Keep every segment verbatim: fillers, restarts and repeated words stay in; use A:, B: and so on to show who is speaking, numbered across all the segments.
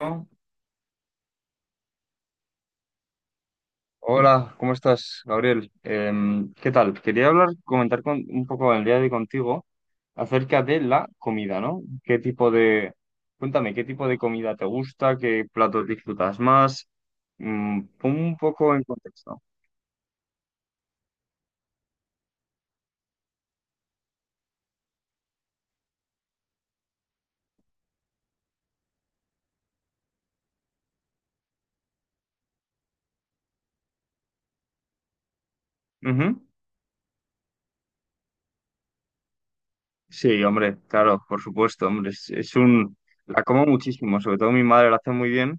A: ¿No? Hola, ¿cómo estás, Gabriel? Em, ¿qué tal? Quería hablar, comentar con, un poco el día de hoy contigo acerca de la comida, ¿no? ¿Qué tipo de, cuéntame, ¿qué tipo de comida te gusta? ¿Qué platos disfrutas más? Mm, pon un poco en contexto. Ujú. Sí, hombre, claro, por supuesto, hombre, es, es un, la como muchísimo, sobre todo mi madre la hace muy bien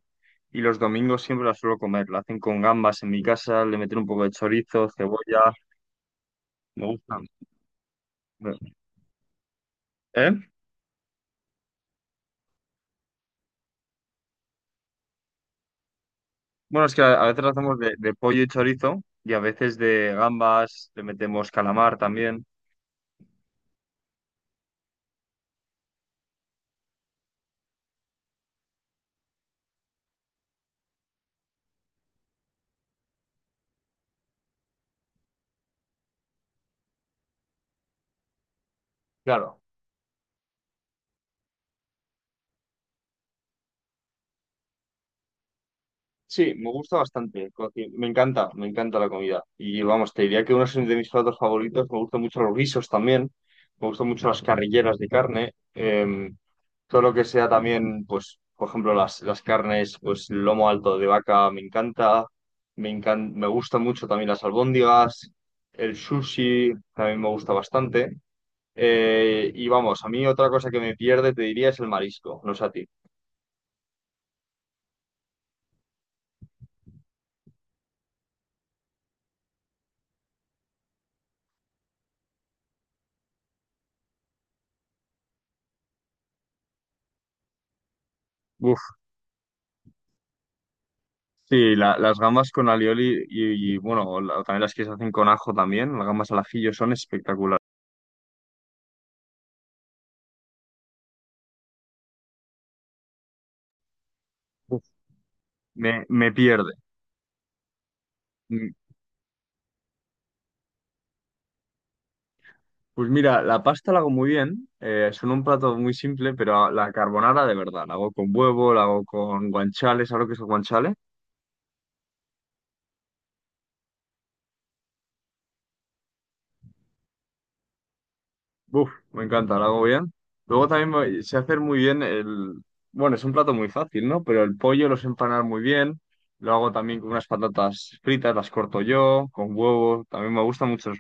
A: y los domingos siempre la suelo comer, la hacen con gambas en mi casa, le meten un poco de chorizo, cebolla, me gusta. ¿Eh? Bueno, es que a, a veces lo hacemos de, de pollo y chorizo y a veces de gambas, le metemos calamar también. Claro, sí, me gusta bastante. co- Me encanta, me encanta la comida. Y vamos, te diría que uno es de mis platos favoritos, me gustan mucho los guisos también, me gustan mucho las carrilleras de carne, em, todo lo que sea también, pues, por ejemplo, las, las carnes, pues, lomo alto de vaca me encanta, me encan- me gustan mucho también las albóndigas, el sushi también me gusta bastante. Eh, y vamos, a mí otra cosa que me pierde, te diría, es el marisco, no sé a ti. Uf, sí, la- las gambas con alioli y, y, bueno, la- también las que se hacen con ajo también, las gambas al ajillo son espectaculares. Uf, me, me pierde. Mm, pues mira, la pasta la hago muy bien, eh, son un plato muy simple, pero la carbonara de verdad, la hago con huevo, la hago con guanchales. ¿Sabes lo que es el guanchale? Uf, me encanta, lo hago bien. Luego también me- sé hacer muy bien el... Bueno, es un plato muy fácil, ¿no? Pero el pollo los empanar muy bien. Lo hago también con unas patatas fritas, las corto yo, con huevo. También me gustan mucho los...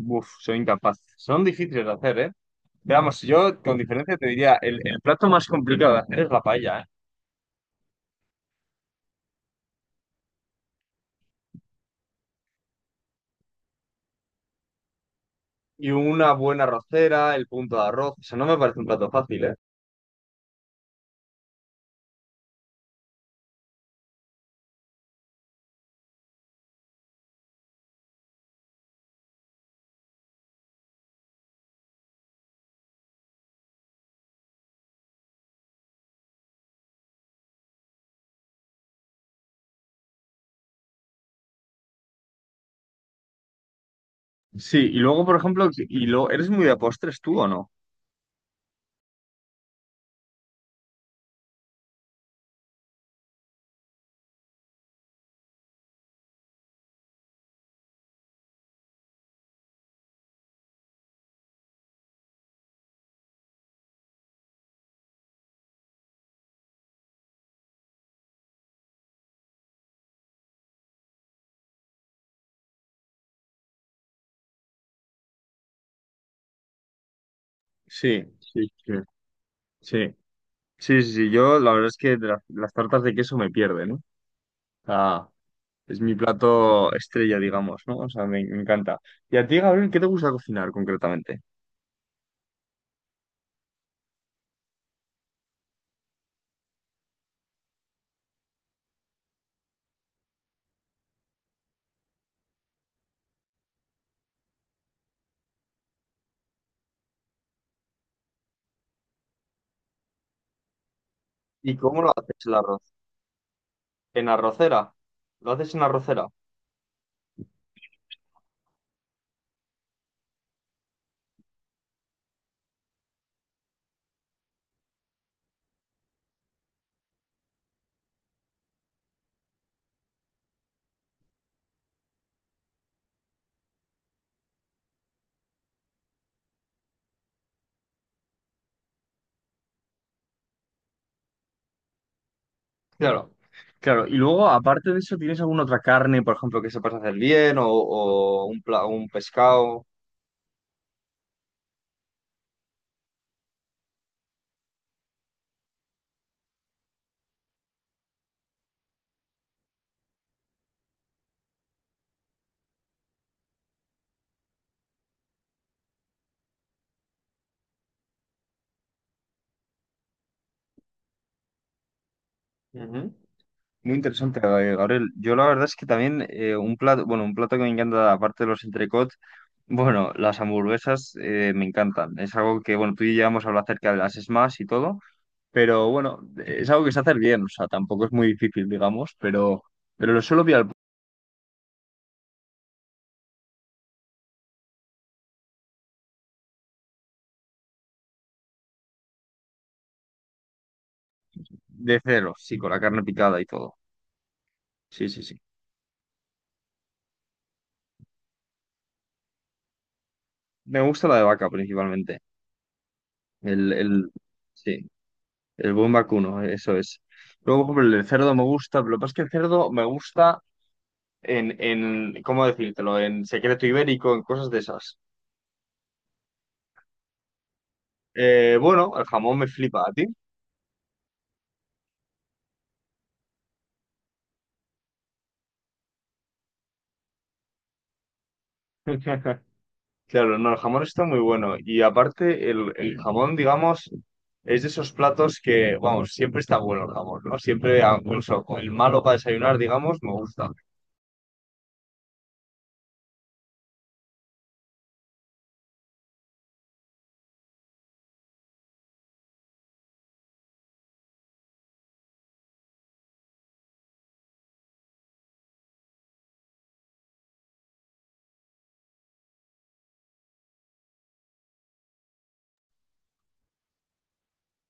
A: Uf, soy incapaz. Son difíciles de hacer, ¿eh? Veamos, yo con diferencia te diría, el, el plato más complicado de hacer es la paella, ¿eh? Y una buena arrocera, el punto de arroz. Eso no me parece un plato fácil, ¿eh? Sí, y luego, por ejemplo, y lo... ¿Eres muy de postres tú o no? Sí, sí, sí. Sí. Sí, sí, sí, yo la verdad es que de la- las tartas de queso me pierden, ¿no? O sea, es mi plato estrella, digamos, ¿no? O sea, me, me encanta. ¿Y a ti, Gabriel, qué te gusta cocinar concretamente? ¿Y cómo lo haces el arroz? ¿En arrocera? ¿Lo haces en arrocera? Claro, claro. Y luego, aparte de eso, ¿tienes alguna otra carne, por ejemplo, que sepas hacer bien o, o un, pla- un pescado? Ujú. Muy interesante, eh, Gabriel. Yo la verdad es que también eh, un plato, bueno, un plato que me encanta, aparte de los entrecot. Bueno, las hamburguesas eh, me encantan. Es algo que, bueno, tú y yo ya hemos hablado acerca de las Smash y todo, pero bueno, es algo que se hace bien, o sea, tampoco es muy difícil, digamos, pero, pero lo suelo pillar de cero, sí, con la carne picada y todo. Sí, sí, sí. Me gusta la de vaca principalmente. El, el, sí, el buen vacuno, eso es. Luego, por ejemplo, el del cerdo me gusta, pero lo que pasa es que el cerdo me gusta en, en, ¿cómo decírtelo? En secreto ibérico, en cosas de esas. Eh, bueno, el jamón me flipa a ti. Claro, no, el jamón está muy bueno. Y aparte, el, el jamón, digamos, es de esos platos que, vamos, siempre está bueno el jamón, ¿no? Siempre, ah, incluso con el malo para desayunar, digamos, me gusta.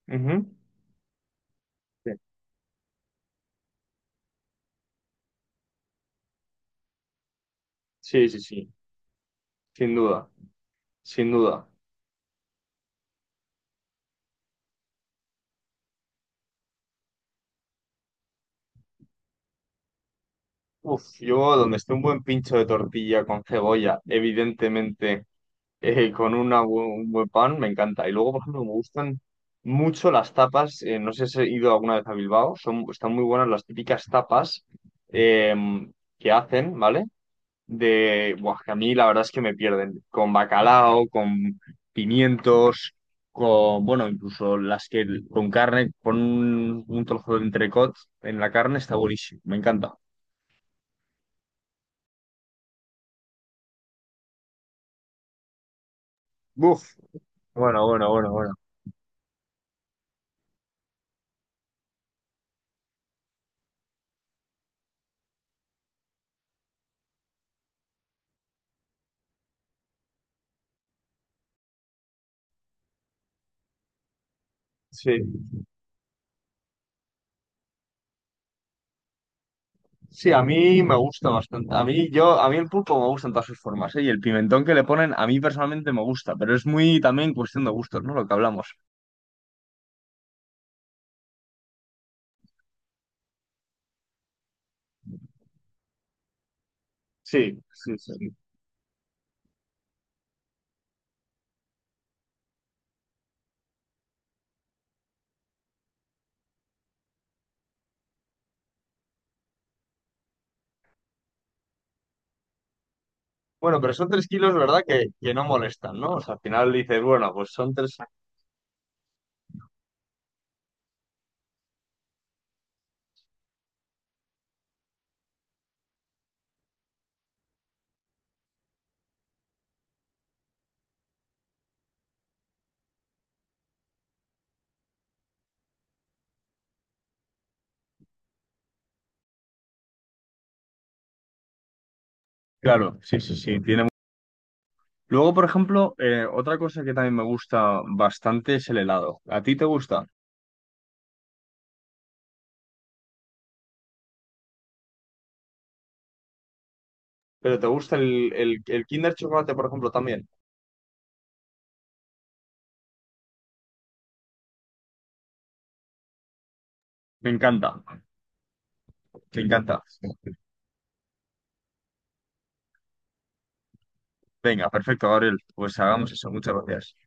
A: Ujú. Sí, sí, sí, sin duda, sin duda. Uf, yo donde esté un buen pincho de tortilla con cebolla, evidentemente. Eh, con una bu- un buen pan, me encanta. Y luego, por ejemplo, me gustan mucho las tapas. Eh, no sé si he ido alguna vez a Bilbao. Son, están muy buenas las típicas tapas em, que hacen, ¿vale? De, buah, que a mí la verdad es que me pierden. Con bacalao, con pimientos, con, bueno, incluso las que con carne, con un, un trozo de entrecot en la carne, está buenísimo. Me encanta. Buf. Bueno, bueno, bueno, bueno. Sí. Sí, a mí me gusta bastante. A mí, yo, a mí el pulpo me gusta en todas sus formas, ¿eh? Y el pimentón que le ponen, a mí personalmente me gusta, pero es muy también cuestión de gustos, ¿no? Lo que hablamos. Sí, sí, sí. Bueno, pero son tres kilos, ¿verdad? Que, que no molestan, ¿no? O sea, al final dices, bueno, pues son tres. Claro, sí, sí, sí. Tiene... Luego, por ejemplo, eh, otra cosa que también me gusta bastante es el helado. ¿A ti te gusta? ¿Pero te gusta el, el, el Kinder Chocolate, por ejemplo, también? Me encanta, me encanta. Venga, perfecto, Gabriel. Pues hagamos eso. Muchas gracias.